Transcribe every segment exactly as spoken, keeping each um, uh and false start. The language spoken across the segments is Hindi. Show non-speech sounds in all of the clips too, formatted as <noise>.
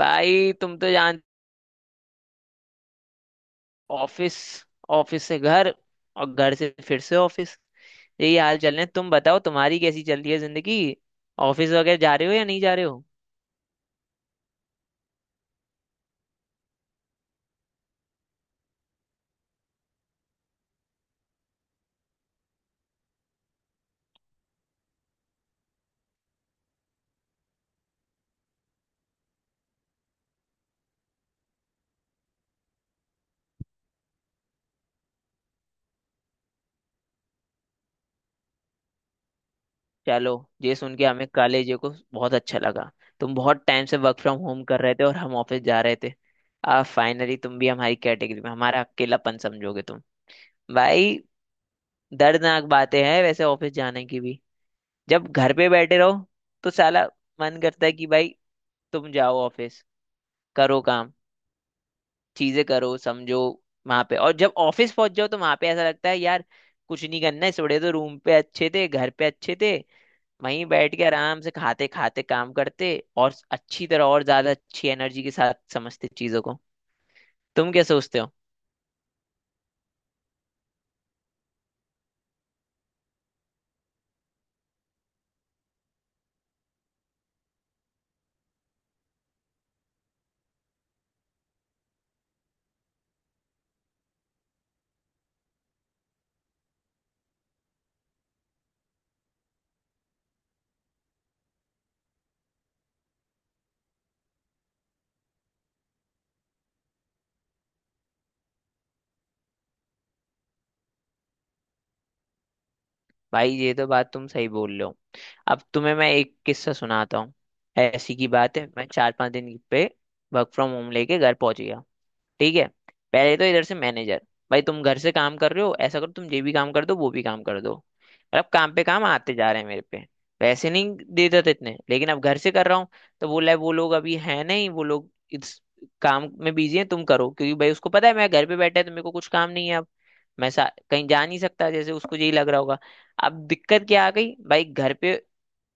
भाई तुम तो जान, ऑफिस, ऑफिस से घर और घर से फिर से ऑफिस। यही हाल चल रहे हैं। तुम बताओ, तुम्हारी कैसी चल रही है जिंदगी? ऑफिस वगैरह जा रहे हो या नहीं जा रहे हो? चलो, ये सुन के हमें कॉलेज को बहुत अच्छा लगा। तुम बहुत टाइम से वर्क फ्रॉम होम कर रहे थे और हम ऑफिस जा रहे थे। अब फाइनली तुम भी हमारी कैटेगरी में, हमारा अकेलापन समझोगे तुम। भाई दर्दनाक बातें हैं वैसे ऑफिस जाने की भी। जब घर पे बैठे रहो तो साला मन करता है कि भाई तुम जाओ ऑफिस, करो काम, चीजें करो, समझो वहां पे। और जब ऑफिस पहुंच जाओ तो वहां पे ऐसा लगता है यार कुछ नहीं करना है, थोड़े तो रूम पे अच्छे थे, घर पे अच्छे थे, वहीं बैठ के आराम से खाते खाते काम करते और अच्छी तरह और ज्यादा अच्छी एनर्जी के साथ समझते चीजों को। तुम क्या सोचते हो? भाई ये तो बात तुम सही बोल रहे हो। अब तुम्हें मैं एक किस्सा सुनाता हूँ। ऐसी की बात है, मैं चार पांच दिन पे वर्क फ्रॉम होम लेके घर पहुंच गया। ठीक है। पहले तो इधर से मैनेजर, भाई तुम घर से काम कर रहे हो, ऐसा करो तुम ये भी काम कर दो वो भी काम कर दो, मतलब काम पे काम आते जा रहे हैं मेरे पे। पैसे नहीं देते थे इतने, लेकिन अब घर से कर रहा हूँ तो बोला है वो लोग अभी है नहीं, वो लोग इस काम में बिजी हैं, तुम करो, क्योंकि भाई उसको पता है मैं घर पे बैठा है तो मेरे को कुछ काम नहीं है अब। मैं सा, कहीं जा नहीं सकता, जैसे उसको यही लग रहा होगा। अब दिक्कत क्या आ गई भाई घर पे?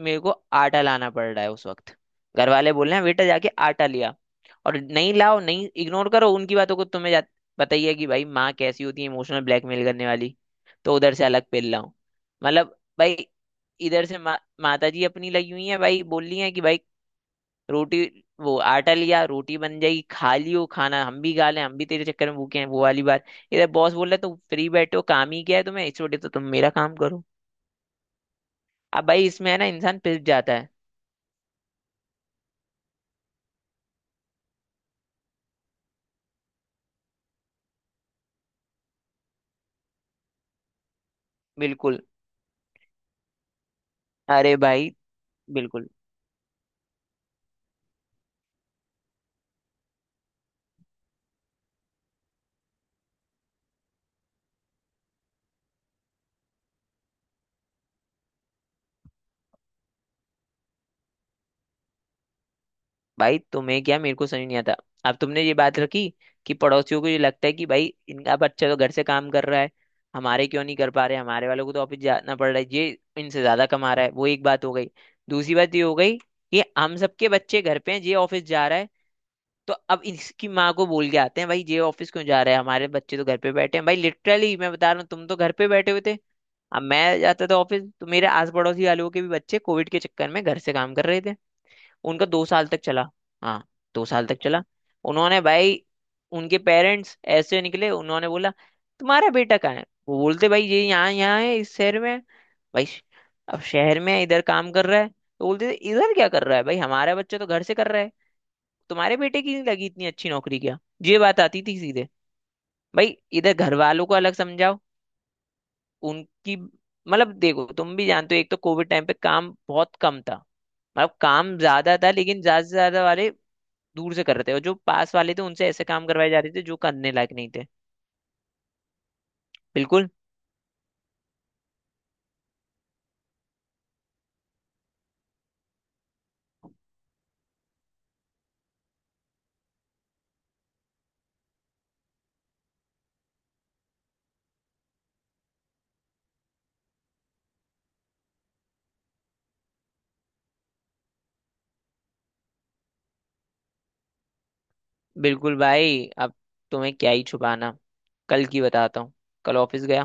मेरे को आटा लाना पड़ रहा है उस वक्त। घर वाले बोल रहे हैं बेटा जाके आटा लिया और नहीं लाओ, नहीं, इग्नोर करो उनकी बातों को। तुम्हें जा- बताइए कि भाई माँ कैसी होती है, इमोशनल ब्लैकमेल करने वाली। तो उधर से अलग पिल लाओ। मतलब भाई इधर से मा, माता जी अपनी लगी हुई है, भाई बोल रही है कि भाई रोटी, वो आटा लिया रोटी बन जाएगी खा लियो खाना, हम भी खा लें, हम भी तेरे चक्कर में भूखे हैं, वो वाली बात। इधर बॉस बोल रहा है तो फ्री बैठो, काम ही क्या है तुम्हें, इस छोटे तो तुम मेरा काम करो। अब भाई इसमें है ना इंसान पिस जाता है। बिल्कुल। अरे भाई बिल्कुल। भाई तुम्हें क्या, मेरे को समझ नहीं आता। अब तुमने ये बात रखी कि पड़ोसियों को ये लगता है कि भाई इनका बच्चा तो घर से काम कर रहा है, हमारे क्यों नहीं कर पा रहे, हमारे वालों को तो ऑफिस जाना पड़ रहा है, ये इनसे ज्यादा कमा रहा है। वो एक बात हो गई। दूसरी बात ये हो गई कि हम सबके बच्चे घर पे हैं, ये ऑफिस जा रहा है, तो अब इसकी माँ को बोल के आते हैं भाई ये ऑफिस क्यों जा रहा है, हमारे बच्चे तो घर पे बैठे हैं। भाई लिटरली मैं बता रहा हूँ, तुम तो घर पे बैठे हुए थे। अब मैं जाता था ऑफिस, तो मेरे आस पड़ोसी वालों के भी बच्चे कोविड के चक्कर में घर से काम कर रहे थे। उनका दो साल तक चला। हाँ, दो साल तक चला। उन्होंने भाई, उनके पेरेंट्स ऐसे निकले, उन्होंने बोला तुम्हारा बेटा कहाँ है, वो बोलते भाई ये यहाँ यहाँ है, इस शहर में है। भाई श- अब शहर में है, इधर काम कर रहा है, तो बोलते थे इधर क्या कर रहा है भाई, हमारा बच्चा तो घर से कर रहा है, तुम्हारे बेटे की नहीं लगी इतनी अच्छी नौकरी क्या? ये बात आती थी सीधे। भाई इधर घर वालों को अलग समझाओ। उनकी मतलब, देखो तुम भी जानते हो, एक तो कोविड टाइम पे काम बहुत कम था, मतलब काम ज्यादा था लेकिन ज्यादा से ज्यादा वाले दूर से कर रहे थे और जो पास वाले थे उनसे ऐसे काम करवाए जा रहे थे जो करने लायक नहीं थे। बिल्कुल बिल्कुल भाई। अब तुम्हें क्या ही छुपाना, कल की बताता हूँ। कल ऑफिस गया,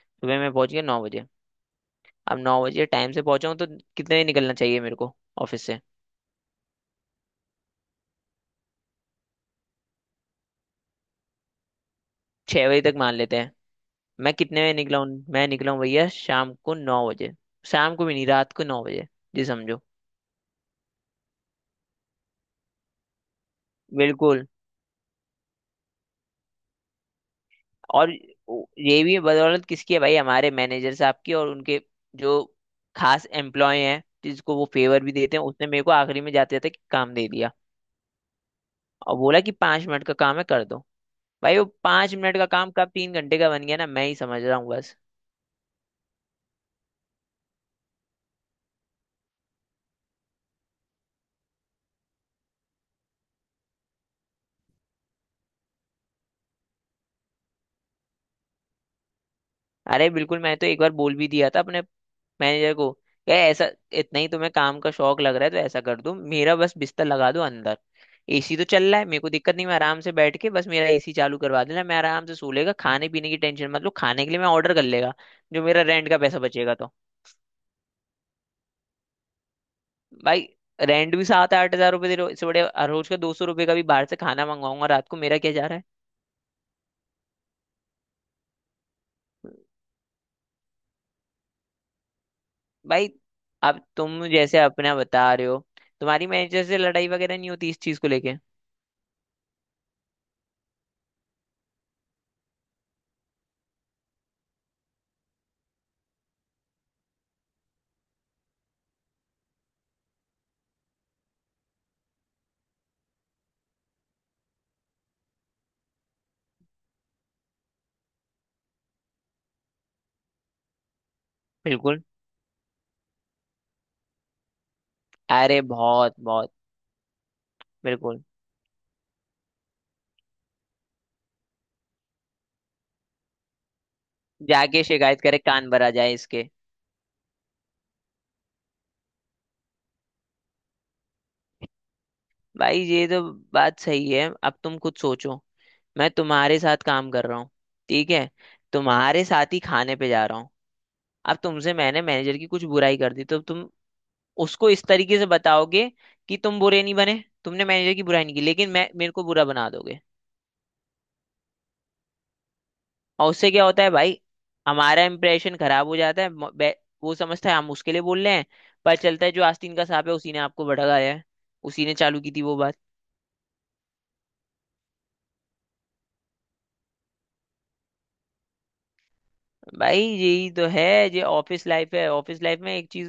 सुबह मैं पहुंच गया नौ बजे। अब नौ बजे टाइम से पहुंचा हूँ तो कितने बजे निकलना चाहिए मेरे को ऑफिस से? छह बजे तक मान लेते हैं। मैं कितने बजे निकला हूँ? मैं निकला हूँ भैया शाम को नौ बजे। शाम को भी नहीं, रात को नौ बजे जी, समझो। बिल्कुल। और ये भी बदौलत किसकी है भाई, हमारे मैनेजर साहब की और उनके जो खास एम्प्लॉय हैं जिसको वो फेवर भी देते हैं, उसने मेरे को आखिरी में जाते जाते काम दे दिया, और बोला कि पांच मिनट का काम है कर दो। भाई वो पांच मिनट का काम कब तीन घंटे का बन गया ना, मैं ही समझ रहा हूँ बस। अरे बिल्कुल, मैं तो एक बार बोल भी दिया था अपने मैनेजर को, यार ऐसा इतना ही तुम्हें काम का शौक लग रहा है तो ऐसा कर दो, मेरा बस बिस्तर लगा दो अंदर। एसी तो चल रहा है, मेरे को दिक्कत नहीं, मैं आराम से बैठ के बस, मेरा एसी चालू करवा देना, मैं आराम से सो लेगा। खाने पीने की टेंशन मत लो, खाने के लिए मैं ऑर्डर कर लेगा, जो मेरा रेंट का पैसा बचेगा तो। भाई, रेंट भी सात आठ हजार रुपये दे रहे हो, इससे बड़े हर रोज का दो सौ रुपये का भी बाहर से खाना मंगाऊंगा रात को, मेरा क्या जा रहा है? भाई अब तुम जैसे अपना बता रहे हो, तुम्हारी मैनेजर से लड़ाई वगैरह नहीं होती इस चीज को लेके? बिल्कुल। अरे बहुत बहुत बिल्कुल। जाके शिकायत करे, कान भरा जाए इसके। भाई ये तो बात सही है। अब तुम खुद सोचो, मैं तुम्हारे साथ काम कर रहा हूँ। ठीक है। तुम्हारे साथ ही खाने पे जा रहा हूँ। अब तुमसे मैंने मैनेजर की कुछ बुराई कर दी, तो तुम उसको इस तरीके से बताओगे कि तुम बुरे नहीं बने, तुमने मैनेजर की बुराई नहीं की, लेकिन मैं, मेरे को बुरा बना दोगे। और उससे क्या होता है भाई, हमारा इंप्रेशन खराब हो जाता है। म- बे- वो समझता है हम उसके लिए बोल रहे हैं, पर चलता है जो आस्तीन का सांप है, उसी ने आपको भड़काया है, उसी ने चालू की थी वो बात। भाई यही तो है, ये ऑफिस लाइफ है। ऑफिस लाइफ में एक चीज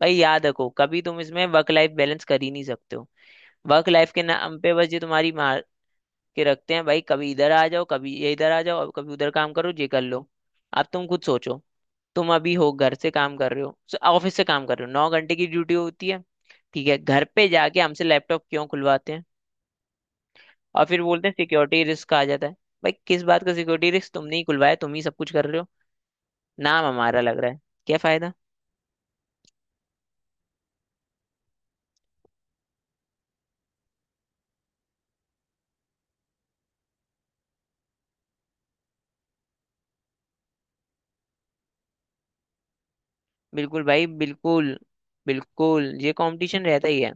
भाई याद रखो, कभी तुम इसमें वर्क लाइफ बैलेंस कर ही नहीं सकते हो। वर्क लाइफ के नाम पे बस ये तुम्हारी मार के रखते हैं भाई, कभी इधर आ जाओ, कभी ये इधर आ जाओ, और कभी उधर काम करो, ये कर लो। अब तुम खुद सोचो, तुम अभी हो घर से काम कर रहे हो, ऑफिस से काम कर रहे हो, नौ घंटे की ड्यूटी होती है। ठीक है, घर पे जाके हमसे लैपटॉप क्यों खुलवाते हैं? और फिर बोलते हैं सिक्योरिटी रिस्क आ जाता है। भाई किस बात का सिक्योरिटी रिस्क? तुमने ही खुलवाया, तुम ही सब कुछ कर रहे हो, नाम हमारा लग रहा है, क्या फायदा? बिल्कुल भाई बिल्कुल। बिल्कुल, ये कंपटीशन रहता ही है।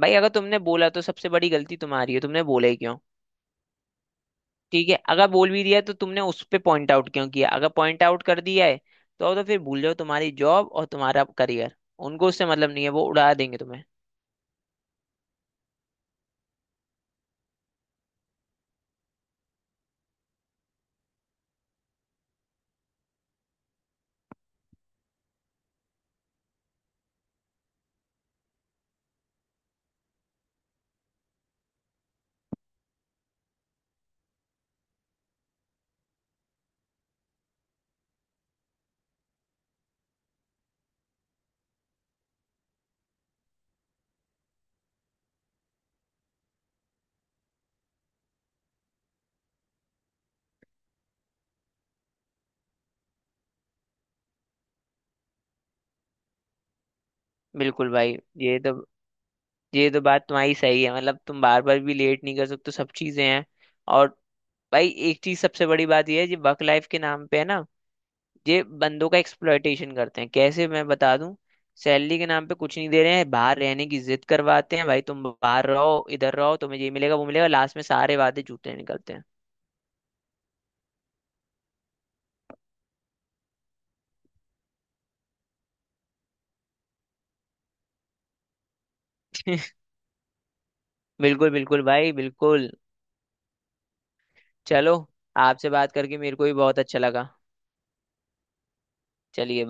भाई अगर तुमने बोला तो सबसे बड़ी गलती तुम्हारी है, तुमने बोला ही क्यों? ठीक है, अगर बोल भी दिया तो तुमने उस पे पॉइंट आउट क्यों किया? अगर पॉइंट आउट कर दिया है तो तो फिर भूल जाओ तुम्हारी जॉब और तुम्हारा करियर। उनको उससे मतलब नहीं है, वो उड़ा देंगे तुम्हें। बिल्कुल भाई, ये तो ये तो बात तुम्हारी सही है, मतलब तुम बार बार भी लेट नहीं कर सकते, सब चीजें हैं। और भाई एक चीज सबसे बड़ी बात ये है जी, वर्क लाइफ के नाम पे है ना, ये बंदों का एक्सप्लॉयटेशन करते हैं, कैसे मैं बता दूं? सैलरी के नाम पे कुछ नहीं दे रहे हैं, बाहर रहने की जिद करवाते हैं भाई, तुम बाहर रहो इधर रहो, तुम्हें ये मिलेगा वो मिलेगा, लास्ट में सारे वादे झूठे निकलते हैं। <laughs> बिल्कुल बिल्कुल भाई बिल्कुल। चलो, आपसे बात करके मेरे को भी बहुत अच्छा लगा। चलिए।